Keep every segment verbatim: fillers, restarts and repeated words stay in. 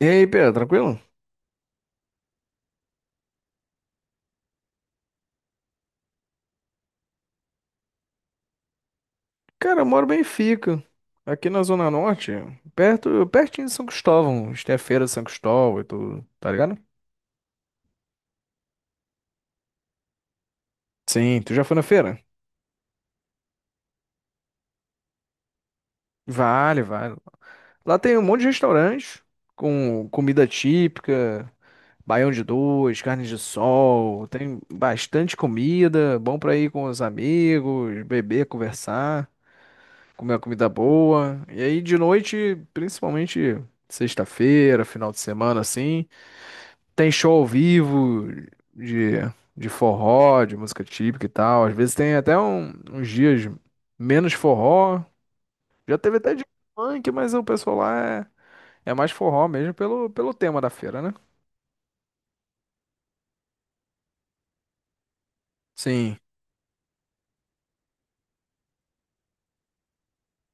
E aí, Pedro, tranquilo? Cara, eu moro bem Benfica, aqui na Zona Norte, perto, pertinho de São Cristóvão. A Tem a feira de São Cristóvão e tudo, tá ligado? Sim, tu já foi na feira? Vale, vale. Lá tem um monte de restaurantes com comida típica, baião de dois, carne de sol, tem bastante comida, bom pra ir com os amigos, beber, conversar, comer uma comida boa. E aí de noite, principalmente sexta-feira, final de semana assim, tem show ao vivo de, de forró, de música típica e tal. Às vezes tem até um- uns dias menos forró. Já teve até de funk, mas o pessoal lá é, é mais forró mesmo pelo, pelo tema da feira, né? Sim.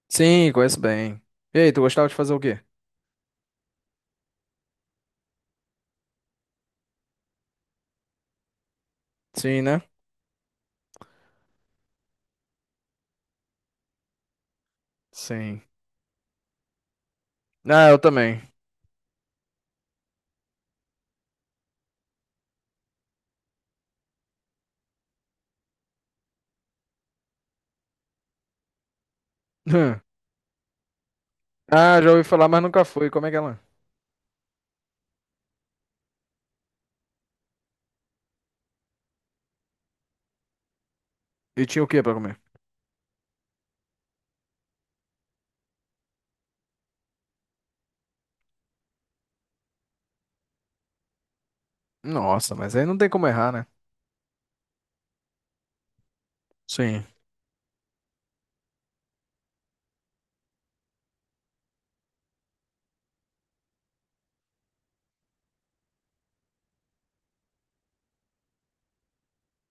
Sim, conheço bem. E aí, tu gostava de fazer o quê? Sim, né? Sim. Ah, eu também. Ah, já ouvi falar, mas nunca fui. Como é que é lá? E tinha o quê pra comer? Nossa, mas aí não tem como errar, né? Sim.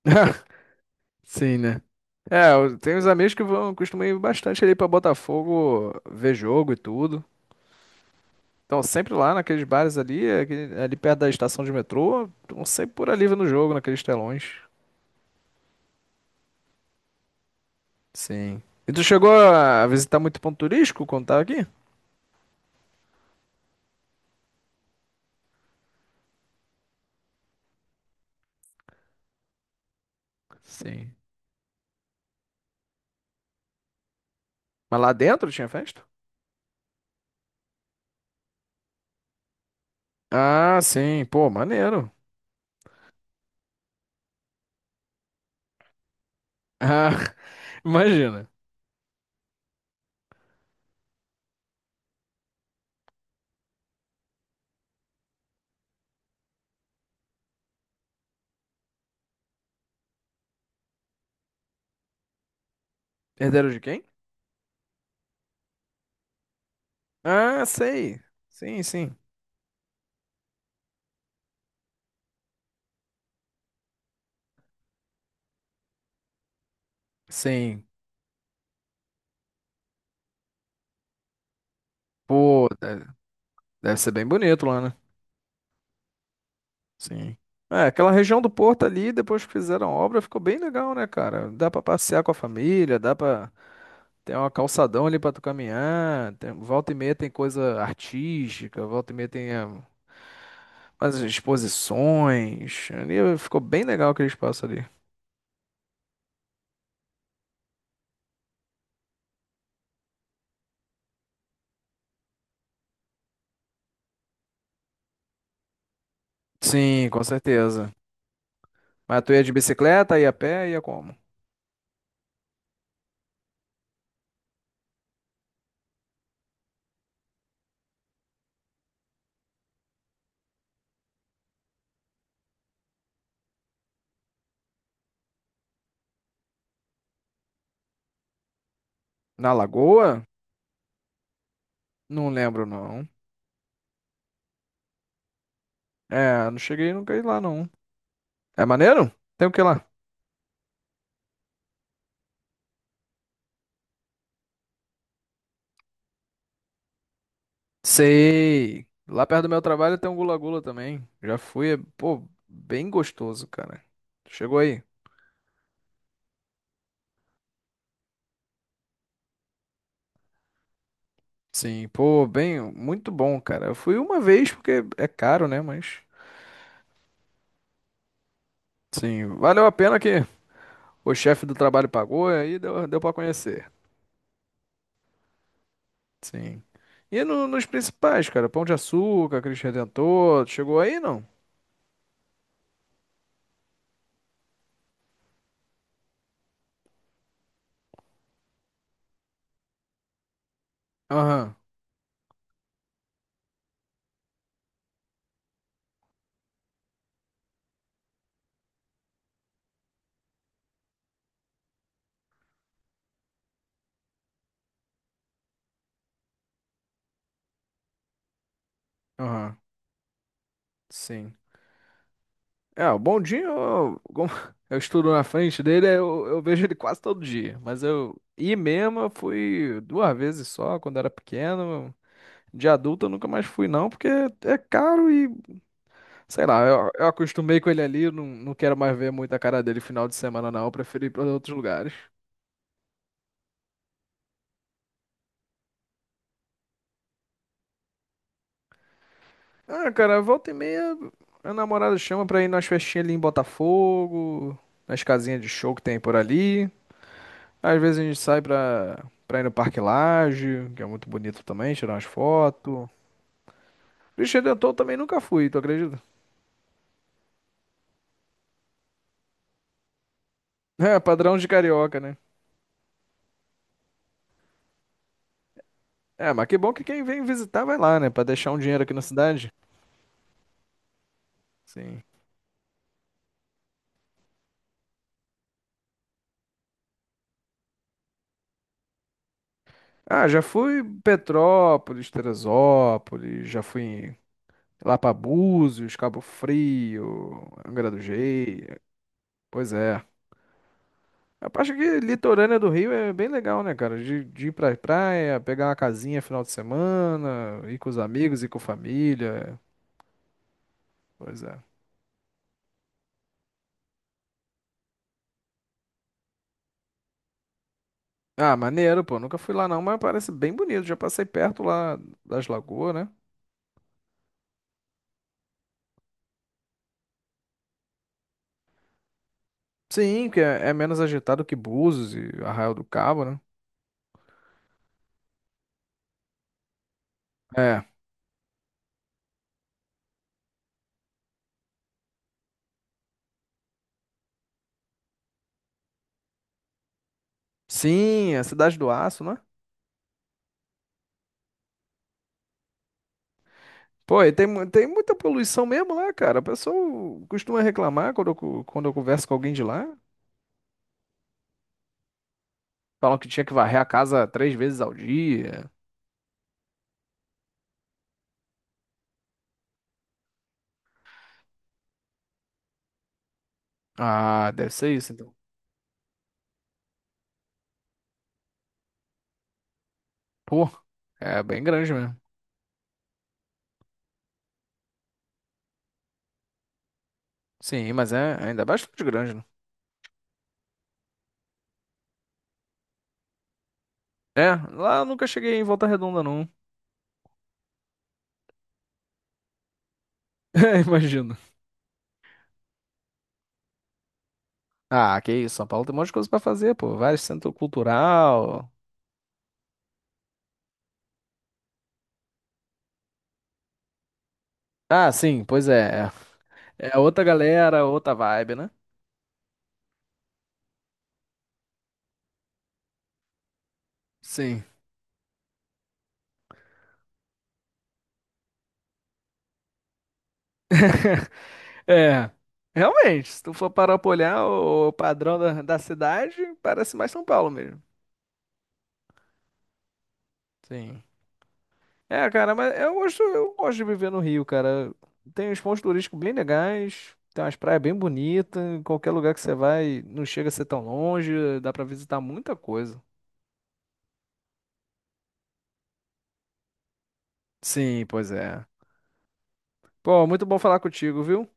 Sim, né? É, eu- tem uns amigos que vão, costumam ir bastante ali pra Botafogo ver jogo e tudo. Estão sempre lá naqueles bares ali, aquele- ali perto da estação de metrô, estão sempre por ali vendo o jogo, naqueles telões. Sim. E tu chegou a visitar muito ponto turístico quando tava aqui? Sim. Mas lá dentro tinha festa? Ah, sim. Pô, maneiro. Ah, imagina. Herdeiro de quem? Ah, sei. Sim, sim. Sim. Pô, de- deve ser bem bonito lá, né? Sim. É, aquela região do Porto ali, depois que fizeram a obra, ficou bem legal, né, cara? Dá pra passear com a família, dá pra ter uma calçadão ali pra tu caminhar, tem- volta e meia tem coisa artística, volta e meia tem é, umas exposições. Ali ficou bem legal aquele espaço ali. Sim, com certeza. Mas tu ia de bicicleta, ia a pé, ia como? Na Lagoa? Não lembro, não. É, não cheguei, não ir lá, não. É maneiro? Tem o que lá? Sei. Lá perto do meu trabalho tem um gula-gula também. Já fui, é, pô, bem gostoso, cara. Chegou aí. Sim, pô, bem, muito bom, cara. Eu fui uma vez porque é caro, né? Mas, sim, valeu a pena que o chefe do trabalho pagou e aí deu, deu para conhecer. Sim. E no- nos principais, cara, Pão de Açúcar, Cristo Redentor, chegou aí, não? Aham, aham, sim. É, o bondinho, eu- como eu estudo na frente dele, eu, eu vejo ele quase todo dia. Mas eu ir mesmo, eu fui duas vezes só, quando era pequeno. De adulto eu nunca mais fui, não, porque é caro e, sei lá, eu, eu acostumei com ele ali, eu não, não quero mais ver muito a cara dele final de semana, não. Eu prefiro ir pra outros lugares. Ah, cara, volta e meia, a namorada chama pra ir nas festinhas ali em Botafogo, nas casinhas de show que tem por ali. Às vezes a gente sai pra, pra ir no Parque Lage, que é muito bonito também, tirar umas fotos. Cristo Redentor eu também nunca fui, tu acredita? É, padrão de carioca, né? É, mas que bom que quem vem visitar vai lá, né? Pra deixar um dinheiro aqui na cidade. Sim. Ah, já fui em Petrópolis, Teresópolis, já fui em- lá pra Búzios, Cabo Frio, Angra do Reis. Pois é. A parte que litorânea do Rio é bem legal, né, cara? De, de ir pra praia, pegar uma casinha final de semana, ir com os amigos, ir com a família. Pois é. Ah, maneiro, pô. Nunca fui lá não, mas parece bem bonito. Já passei perto lá das lagoas, né? Sim, que é, é menos agitado que Búzios e Arraial do Cabo, né? É. Sim, é a Cidade do Aço, né? Pô, e tem, mu- tem muita poluição mesmo lá, cara. O pessoal costuma reclamar quando eu, co- quando eu converso com alguém de lá. Falam que tinha que varrer a casa três vezes ao dia. Ah, deve ser isso, então. Pô, é bem grande mesmo. Sim, mas é ainda é bastante grande, né? É, lá eu nunca cheguei em Volta Redonda, não. É, imagino. Ah, que isso, São Paulo tem um monte de coisa pra fazer, pô. Vários centro cultural. Ah, sim, pois é. É É outra galera, outra vibe, né? Sim. É. Realmente, se tu for parar pra olhar o padrão da, da cidade, parece mais São Paulo mesmo. Sim. É, cara, mas eu gosto, eu gosto de viver no Rio, cara. Tem uns pontos turísticos bem legais, tem umas praias bem bonitas, em qualquer lugar que você vai, não chega a ser tão longe, dá pra visitar muita coisa. Sim, pois é. Pô, muito bom falar contigo, viu?